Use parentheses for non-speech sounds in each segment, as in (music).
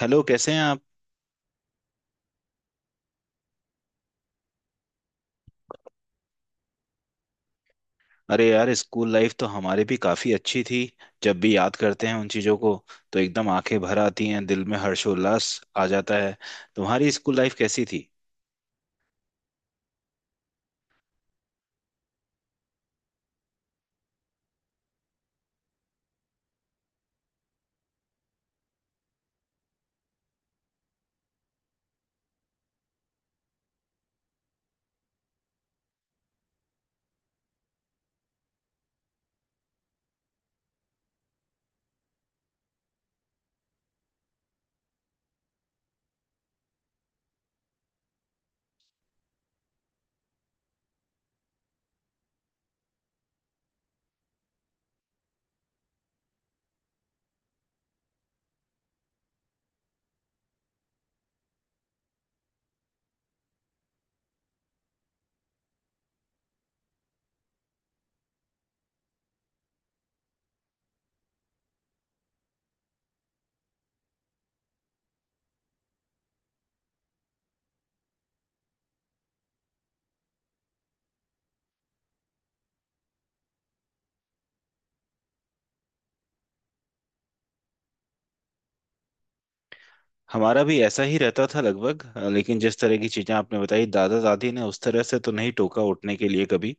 Hello कैसे हैं आप। अरे यार स्कूल लाइफ तो हमारी भी काफी अच्छी थी। जब भी याद करते हैं उन चीजों को तो एकदम आंखें भर आती हैं, दिल में हर्षोल्लास आ जाता है। तुम्हारी स्कूल लाइफ कैसी थी। हमारा भी ऐसा ही रहता था लगभग। लेकिन जिस तरह की चीजें आपने बताई, दादा दादी ने उस तरह से तो नहीं टोका उठने के लिए कभी।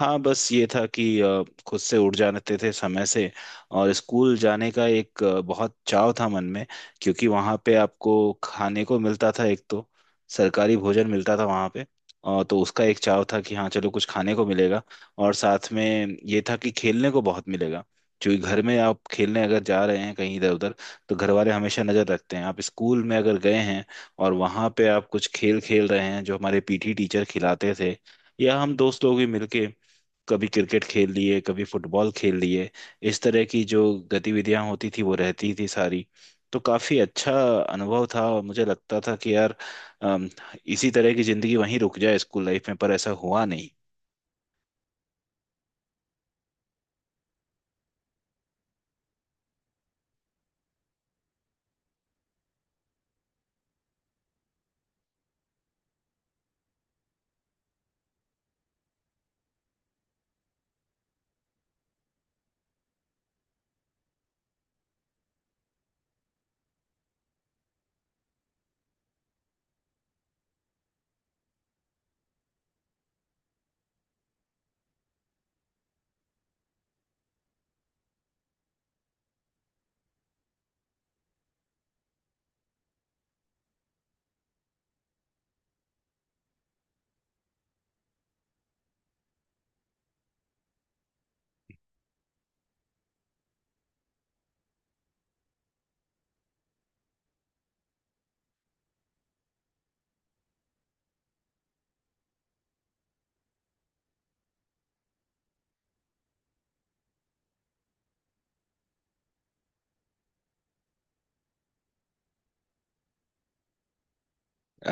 हाँ, बस ये था कि खुद से उठ जाते थे समय से। और स्कूल जाने का एक बहुत चाव था मन में। क्योंकि वहाँ पे आपको खाने को मिलता था एक तो सरकारी भोजन मिलता था वहाँ पे। और तो उसका एक चाव था कि हाँ चलो कुछ खाने को मिलेगा। और साथ में ये था कि खेलने को बहुत मिलेगा। क्योंकि घर में आप खेलने अगर जा रहे हैं कहीं इधर उधर तो घर वाले हमेशा नज़र रखते हैं। आप स्कूल में अगर गए हैं और वहाँ पे आप कुछ खेल खेल रहे हैं जो हमारे पीटी टीचर खिलाते थे, या हम दोस्त लोग भी मिलके कभी क्रिकेट खेल लिए, कभी फुटबॉल खेल लिए, इस तरह की जो गतिविधियां होती थी वो रहती थी सारी। तो काफी अच्छा अनुभव था और मुझे लगता था कि यार अम, इसी तरह की जिंदगी वहीं रुक जाए स्कूल लाइफ में, पर ऐसा हुआ नहीं।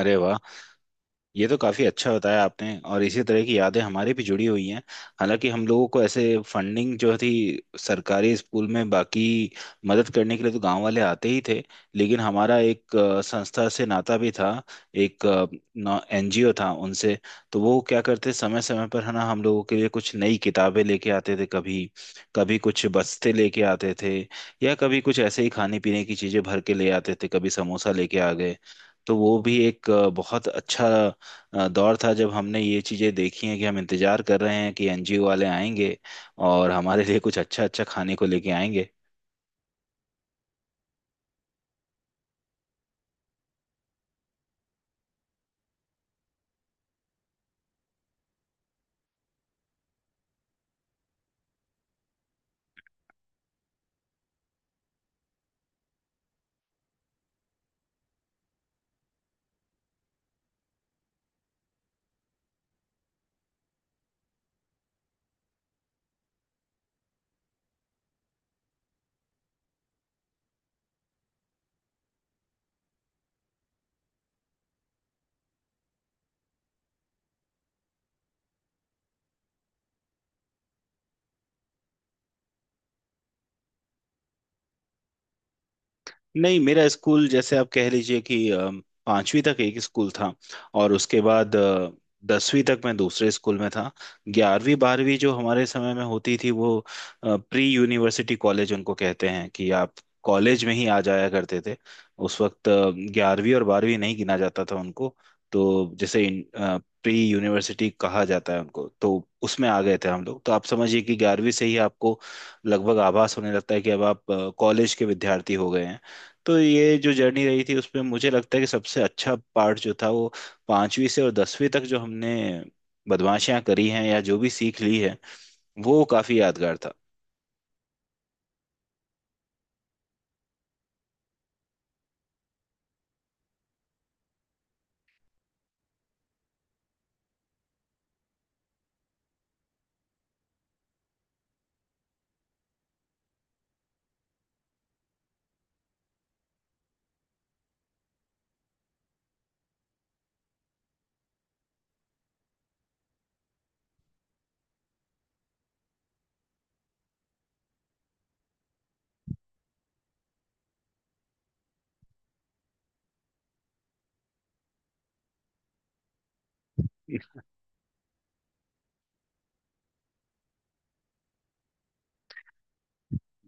अरे वाह, ये तो काफी अच्छा बताया आपने। और इसी तरह की यादें हमारी भी जुड़ी हुई हैं। हालांकि हम लोगों को ऐसे फंडिंग जो थी सरकारी स्कूल में, बाकी मदद करने के लिए तो गांव वाले आते ही थे, लेकिन हमारा एक संस्था से नाता भी था। एक एनजीओ था उनसे। तो वो क्या करते, समय समय पर है ना, हम लोगों के लिए कुछ नई किताबें लेके आते थे, कभी कभी कुछ बस्ते लेके आते थे, या कभी कुछ ऐसे ही खाने पीने की चीजें भर के ले आते थे, कभी समोसा लेके आ गए। तो वो भी एक बहुत अच्छा दौर था जब हमने ये चीज़ें देखी हैं कि हम इंतजार कर रहे हैं कि एनजीओ वाले आएंगे और हमारे लिए कुछ अच्छा अच्छा खाने को लेके आएंगे। नहीं, मेरा स्कूल जैसे आप कह लीजिए कि पांचवी तक एक स्कूल था और उसके बाद दसवीं तक मैं दूसरे स्कूल में था। ग्यारहवीं बारहवीं जो हमारे समय में होती थी वो प्री यूनिवर्सिटी कॉलेज उनको कहते हैं कि आप कॉलेज में ही आ जाया करते थे। उस वक्त ग्यारहवीं और बारहवीं नहीं गिना जाता था उनको। तो जैसे प्री यूनिवर्सिटी कहा जाता है उनको। तो उसमें आ गए थे हम लोग। तो आप समझिए कि ग्यारहवीं से ही आपको लगभग आभास होने लगता है कि अब आप कॉलेज के विद्यार्थी हो गए हैं। तो ये जो जर्नी रही थी उसमें मुझे लगता है कि सबसे अच्छा पार्ट जो था वो पांचवी से और दसवीं तक जो हमने बदमाशियां करी हैं या जो भी सीख ली है वो काफी यादगार था।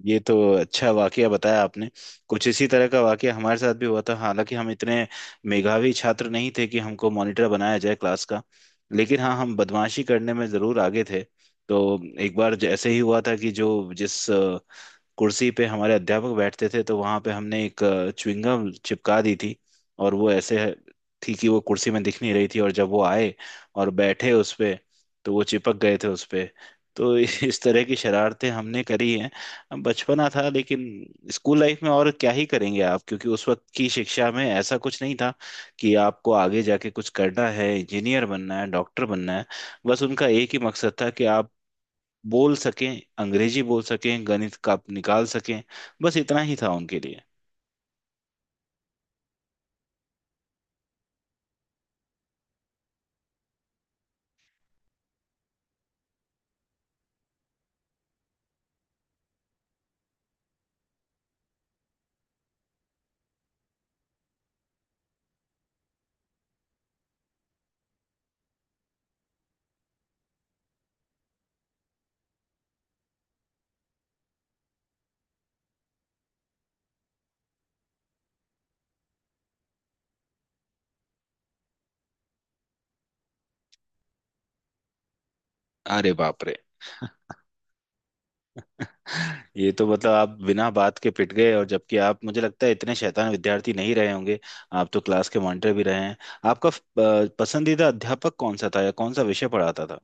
ये तो अच्छा वाकया बताया आपने। कुछ इसी तरह का वाकया हमारे साथ भी हुआ था। हालांकि हम इतने मेधावी छात्र नहीं थे कि हमको मॉनिटर बनाया जाए क्लास का, लेकिन हाँ, हम बदमाशी करने में जरूर आगे थे। तो एक बार जैसे ही हुआ था कि जो जिस कुर्सी पे हमारे अध्यापक बैठते थे, तो वहां पे हमने एक च्युइंगम चिपका दी थी। और वो ऐसे थी कि वो कुर्सी में दिख नहीं रही थी। और जब वो आए और बैठे उस पे तो वो चिपक गए थे उस पे। तो (laughs) इस तरह की शरारतें हमने करी हैं। अब बचपना था, लेकिन स्कूल लाइफ में और क्या ही करेंगे आप। क्योंकि उस वक्त की शिक्षा में ऐसा कुछ नहीं था कि आपको आगे जाके कुछ करना है, इंजीनियर बनना है, डॉक्टर बनना है। बस उनका एक ही मकसद था कि आप बोल सकें, अंग्रेजी बोल सकें, गणित का निकाल सकें। बस इतना ही था उनके लिए। अरे बाप रे। (laughs) ये तो मतलब आप बिना बात के पिट गए। और जबकि आप, मुझे लगता है, इतने शैतान विद्यार्थी नहीं रहे होंगे। आप तो क्लास के मॉनिटर भी रहे हैं। आपका पसंदीदा अध्यापक कौन सा था या कौन सा विषय पढ़ाता था।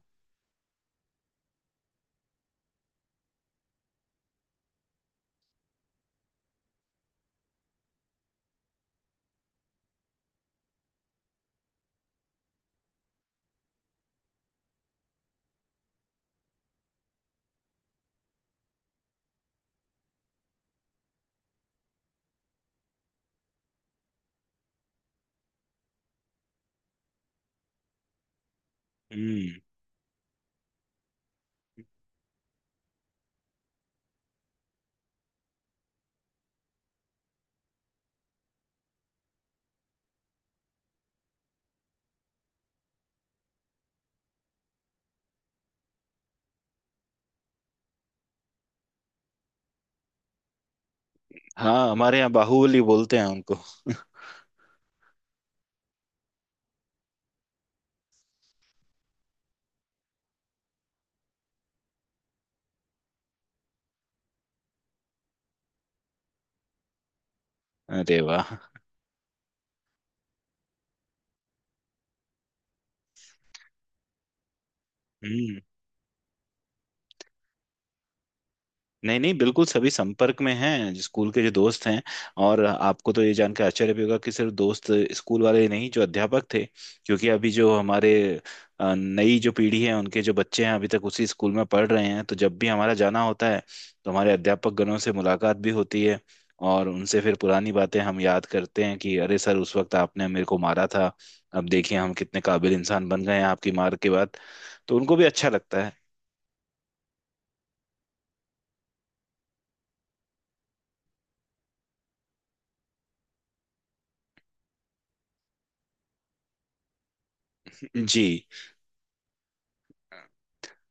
हम्म। हाँ, हमारे यहाँ बाहुबली बोलते हैं उनको। अरे वाह। हम्म। नहीं नहीं, बिल्कुल सभी संपर्क में हैं जो स्कूल के जो दोस्त हैं। और आपको तो ये जानकर आश्चर्य भी होगा कि सिर्फ दोस्त स्कूल वाले ही नहीं, जो अध्यापक थे, क्योंकि अभी जो हमारे नई जो पीढ़ी है उनके जो बच्चे हैं अभी तक उसी स्कूल में पढ़ रहे हैं, तो जब भी हमारा जाना होता है तो हमारे अध्यापक गणों से मुलाकात भी होती है। और उनसे फिर पुरानी बातें हम याद करते हैं कि अरे सर, उस वक्त आपने मेरे को मारा था, अब देखिए हम कितने काबिल इंसान बन गए हैं आपकी मार के बाद। तो उनको भी अच्छा लगता है। जी।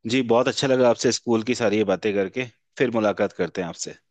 जी, बहुत अच्छा लगा आपसे स्कूल की सारी ये बातें करके। फिर मुलाकात करते हैं आपसे।